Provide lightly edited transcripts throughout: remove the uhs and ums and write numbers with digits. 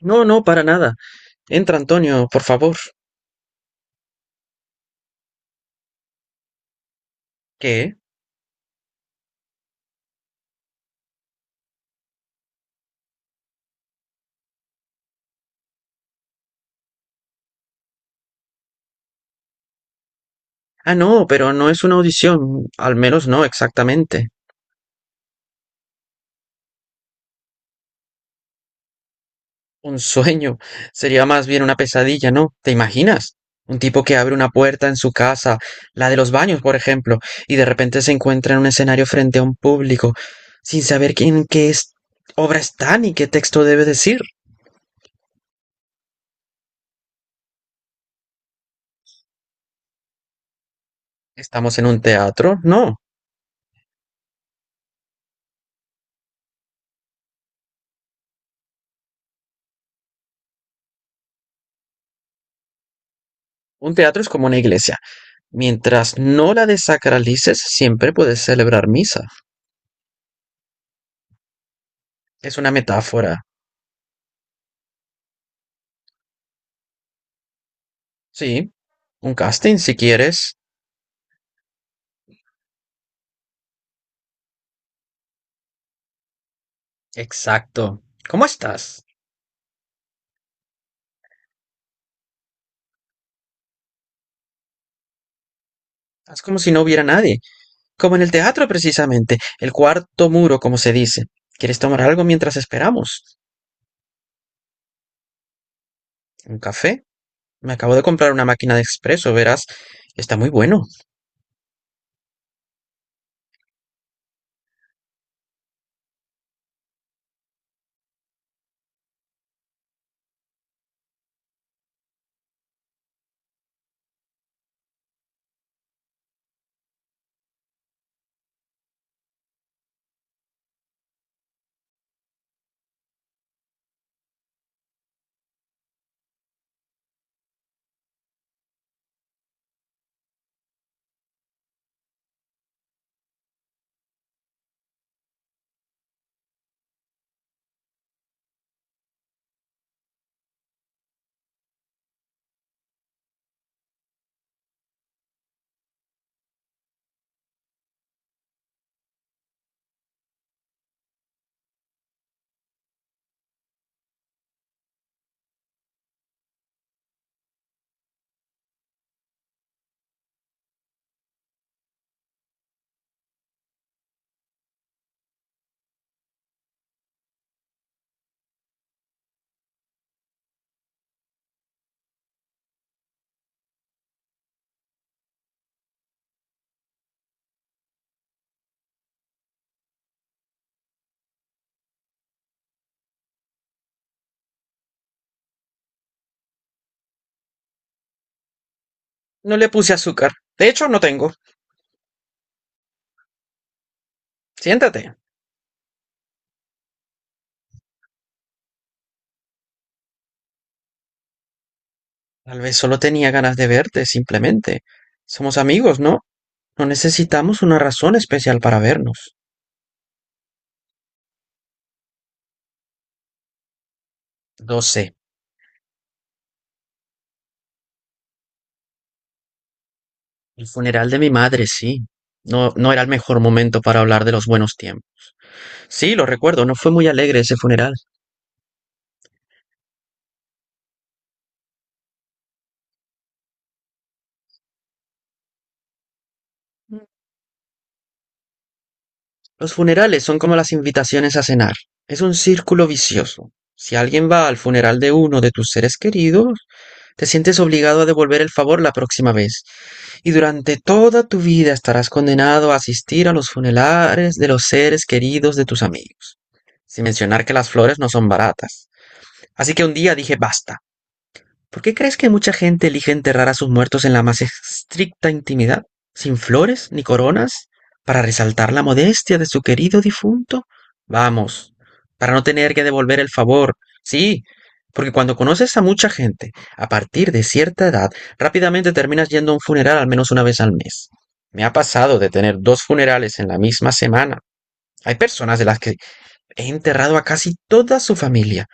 No, no, para nada. Entra, Antonio, por favor. ¿Qué? Ah, no, pero no es una audición. Al menos no exactamente. Un sueño. Sería más bien una pesadilla, ¿no? ¿Te imaginas? Un tipo que abre una puerta en su casa, la de los baños, por ejemplo, y de repente se encuentra en un escenario frente a un público, sin saber quién qué es, obra está ni qué texto debe decir. ¿Estamos en un teatro? No. Un teatro es como una iglesia. Mientras no la desacralices, siempre puedes celebrar misa. Es una metáfora. Sí, un casting si quieres. Exacto. ¿Cómo estás? Haz como si no hubiera nadie, como en el teatro precisamente, el cuarto muro, como se dice. ¿Quieres tomar algo mientras esperamos? ¿Un café? Me acabo de comprar una máquina de expreso, verás. Está muy bueno. No le puse azúcar. De hecho, no tengo. Siéntate. Tal vez solo tenía ganas de verte, simplemente. Somos amigos, ¿no? No necesitamos una razón especial para vernos. Lo sé. El funeral de mi madre, sí. No, no era el mejor momento para hablar de los buenos tiempos. Sí, lo recuerdo, no fue muy alegre ese funeral. Los funerales son como las invitaciones a cenar. Es un círculo vicioso. Si alguien va al funeral de uno de tus seres queridos, te sientes obligado a devolver el favor la próxima vez. Y durante toda tu vida estarás condenado a asistir a los funerales de los seres queridos de tus amigos. Sin mencionar que las flores no son baratas. Así que un día dije basta. ¿Por qué crees que mucha gente elige enterrar a sus muertos en la más estricta intimidad, sin flores ni coronas, para resaltar la modestia de su querido difunto? Vamos, para no tener que devolver el favor. Sí, porque cuando conoces a mucha gente, a partir de cierta edad, rápidamente terminas yendo a un funeral al menos una vez al mes. Me ha pasado de tener dos funerales en la misma semana. Hay personas de las que he enterrado a casi toda su familia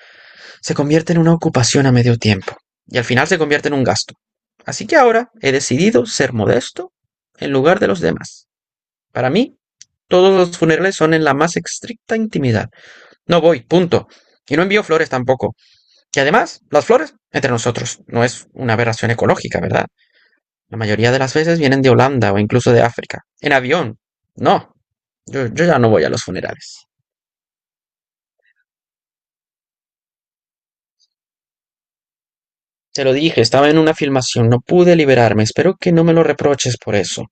se convierte en una ocupación a medio tiempo y al final se convierte en un gasto. Así que ahora he decidido ser modesto en lugar de los demás. Para mí, todos los funerales son en la más estricta intimidad. No voy, punto. Y no envío flores tampoco. Y además, las flores, entre nosotros, no es una aberración ecológica, ¿verdad? La mayoría de las veces vienen de Holanda o incluso de África. En avión. No, yo ya no voy a los funerales. Te lo dije, estaba en una filmación, no pude liberarme. Espero que no me lo reproches por eso.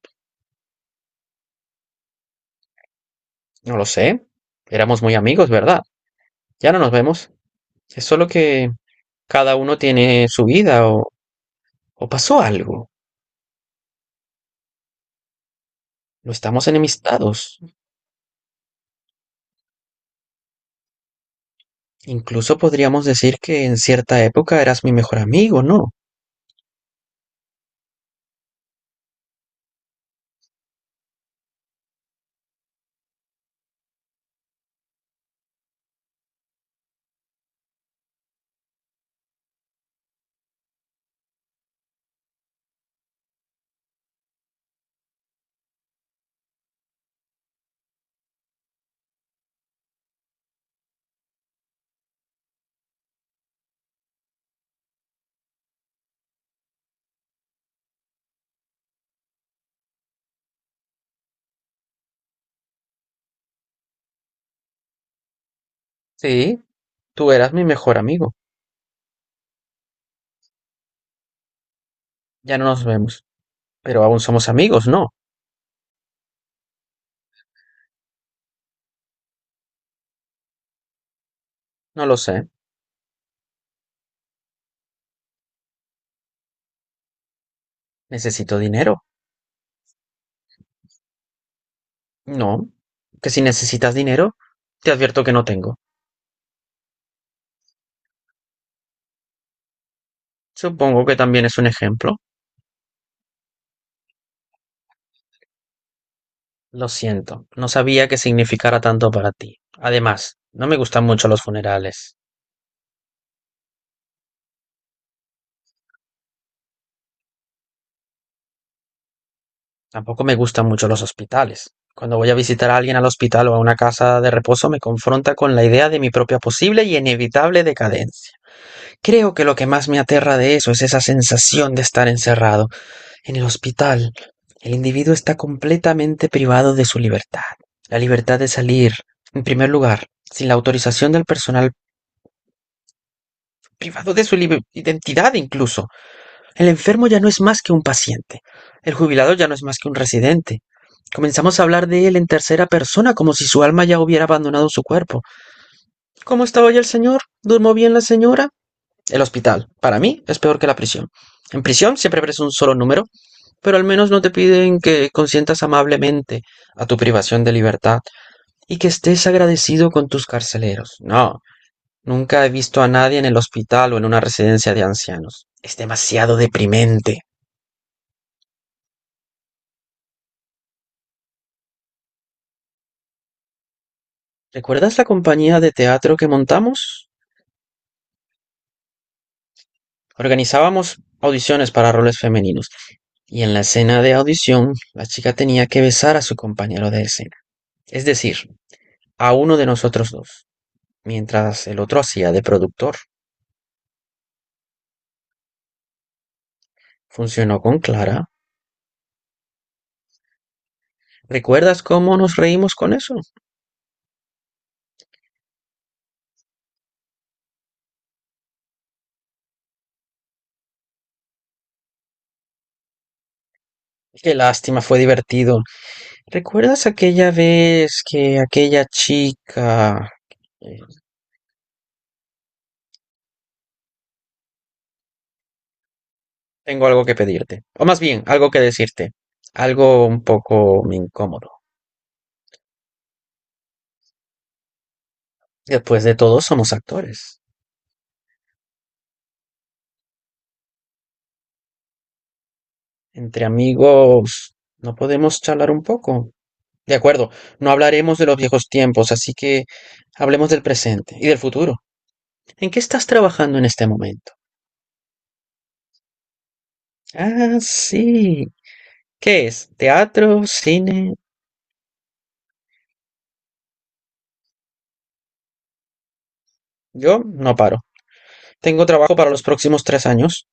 No lo sé. Éramos muy amigos, ¿verdad? Ya no nos vemos. Es solo que cada uno tiene su vida o pasó algo. No estamos enemistados. Incluso podríamos decir que en cierta época eras mi mejor amigo, ¿no? Sí, tú eras mi mejor amigo. Ya no nos vemos. Pero aún somos amigos, ¿no? No lo sé. Necesito dinero. No. Que si necesitas dinero, te advierto que no tengo. Supongo que también es un ejemplo. Lo siento, no sabía que significara tanto para ti. Además, no me gustan mucho los funerales. Tampoco me gustan mucho los hospitales. Cuando voy a visitar a alguien al hospital o a una casa de reposo me confronta con la idea de mi propia posible y inevitable decadencia. Creo que lo que más me aterra de eso es esa sensación de estar encerrado. En el hospital, el individuo está completamente privado de su libertad. La libertad de salir, en primer lugar, sin la autorización del personal, privado de su identidad incluso. El enfermo ya no es más que un paciente. El jubilado ya no es más que un residente. Comenzamos a hablar de él en tercera persona, como si su alma ya hubiera abandonado su cuerpo. ¿Cómo está hoy el señor? ¿Durmó bien la señora? El hospital, para mí, es peor que la prisión. En prisión siempre ves un solo número, pero al menos no te piden que consientas amablemente a tu privación de libertad y que estés agradecido con tus carceleros. No, nunca he visto a nadie en el hospital o en una residencia de ancianos. Es demasiado deprimente. ¿Recuerdas la compañía de teatro que montamos? Organizábamos audiciones para roles femeninos y en la escena de audición la chica tenía que besar a su compañero de escena, es decir, a uno de nosotros dos, mientras el otro hacía de productor. Funcionó con Clara. ¿Recuerdas cómo nos reímos con eso? Qué lástima, fue divertido. ¿Recuerdas aquella vez que aquella chica. Eh, Tengo algo que pedirte, o más bien, algo que decirte, algo un poco incómodo. Después de todo, somos actores. Entre amigos, ¿no podemos charlar un poco? De acuerdo, no hablaremos de los viejos tiempos, así que hablemos del presente y del futuro. ¿En qué estás trabajando en este momento? Ah, sí. ¿Qué es? ¿Teatro? ¿Cine? Yo no paro. Tengo trabajo para los próximos 3 años.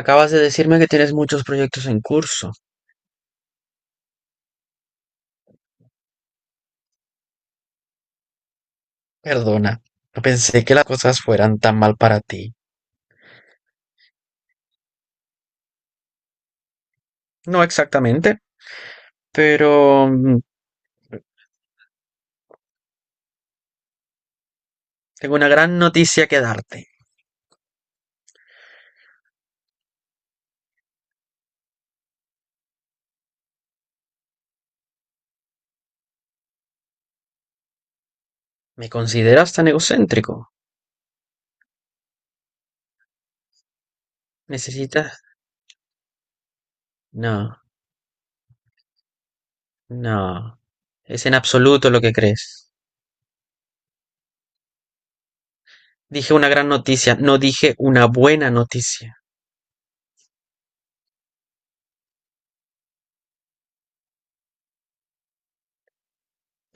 Acabas de decirme que tienes muchos proyectos en curso. Perdona, no pensé que las cosas fueran tan mal para ti. No exactamente, pero tengo una gran noticia que darte. ¿Me consideras tan egocéntrico? ¿Necesitas? No, no. Es en absoluto lo que crees. Dije una gran noticia, no dije una buena noticia.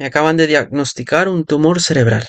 Me acaban de diagnosticar un tumor cerebral.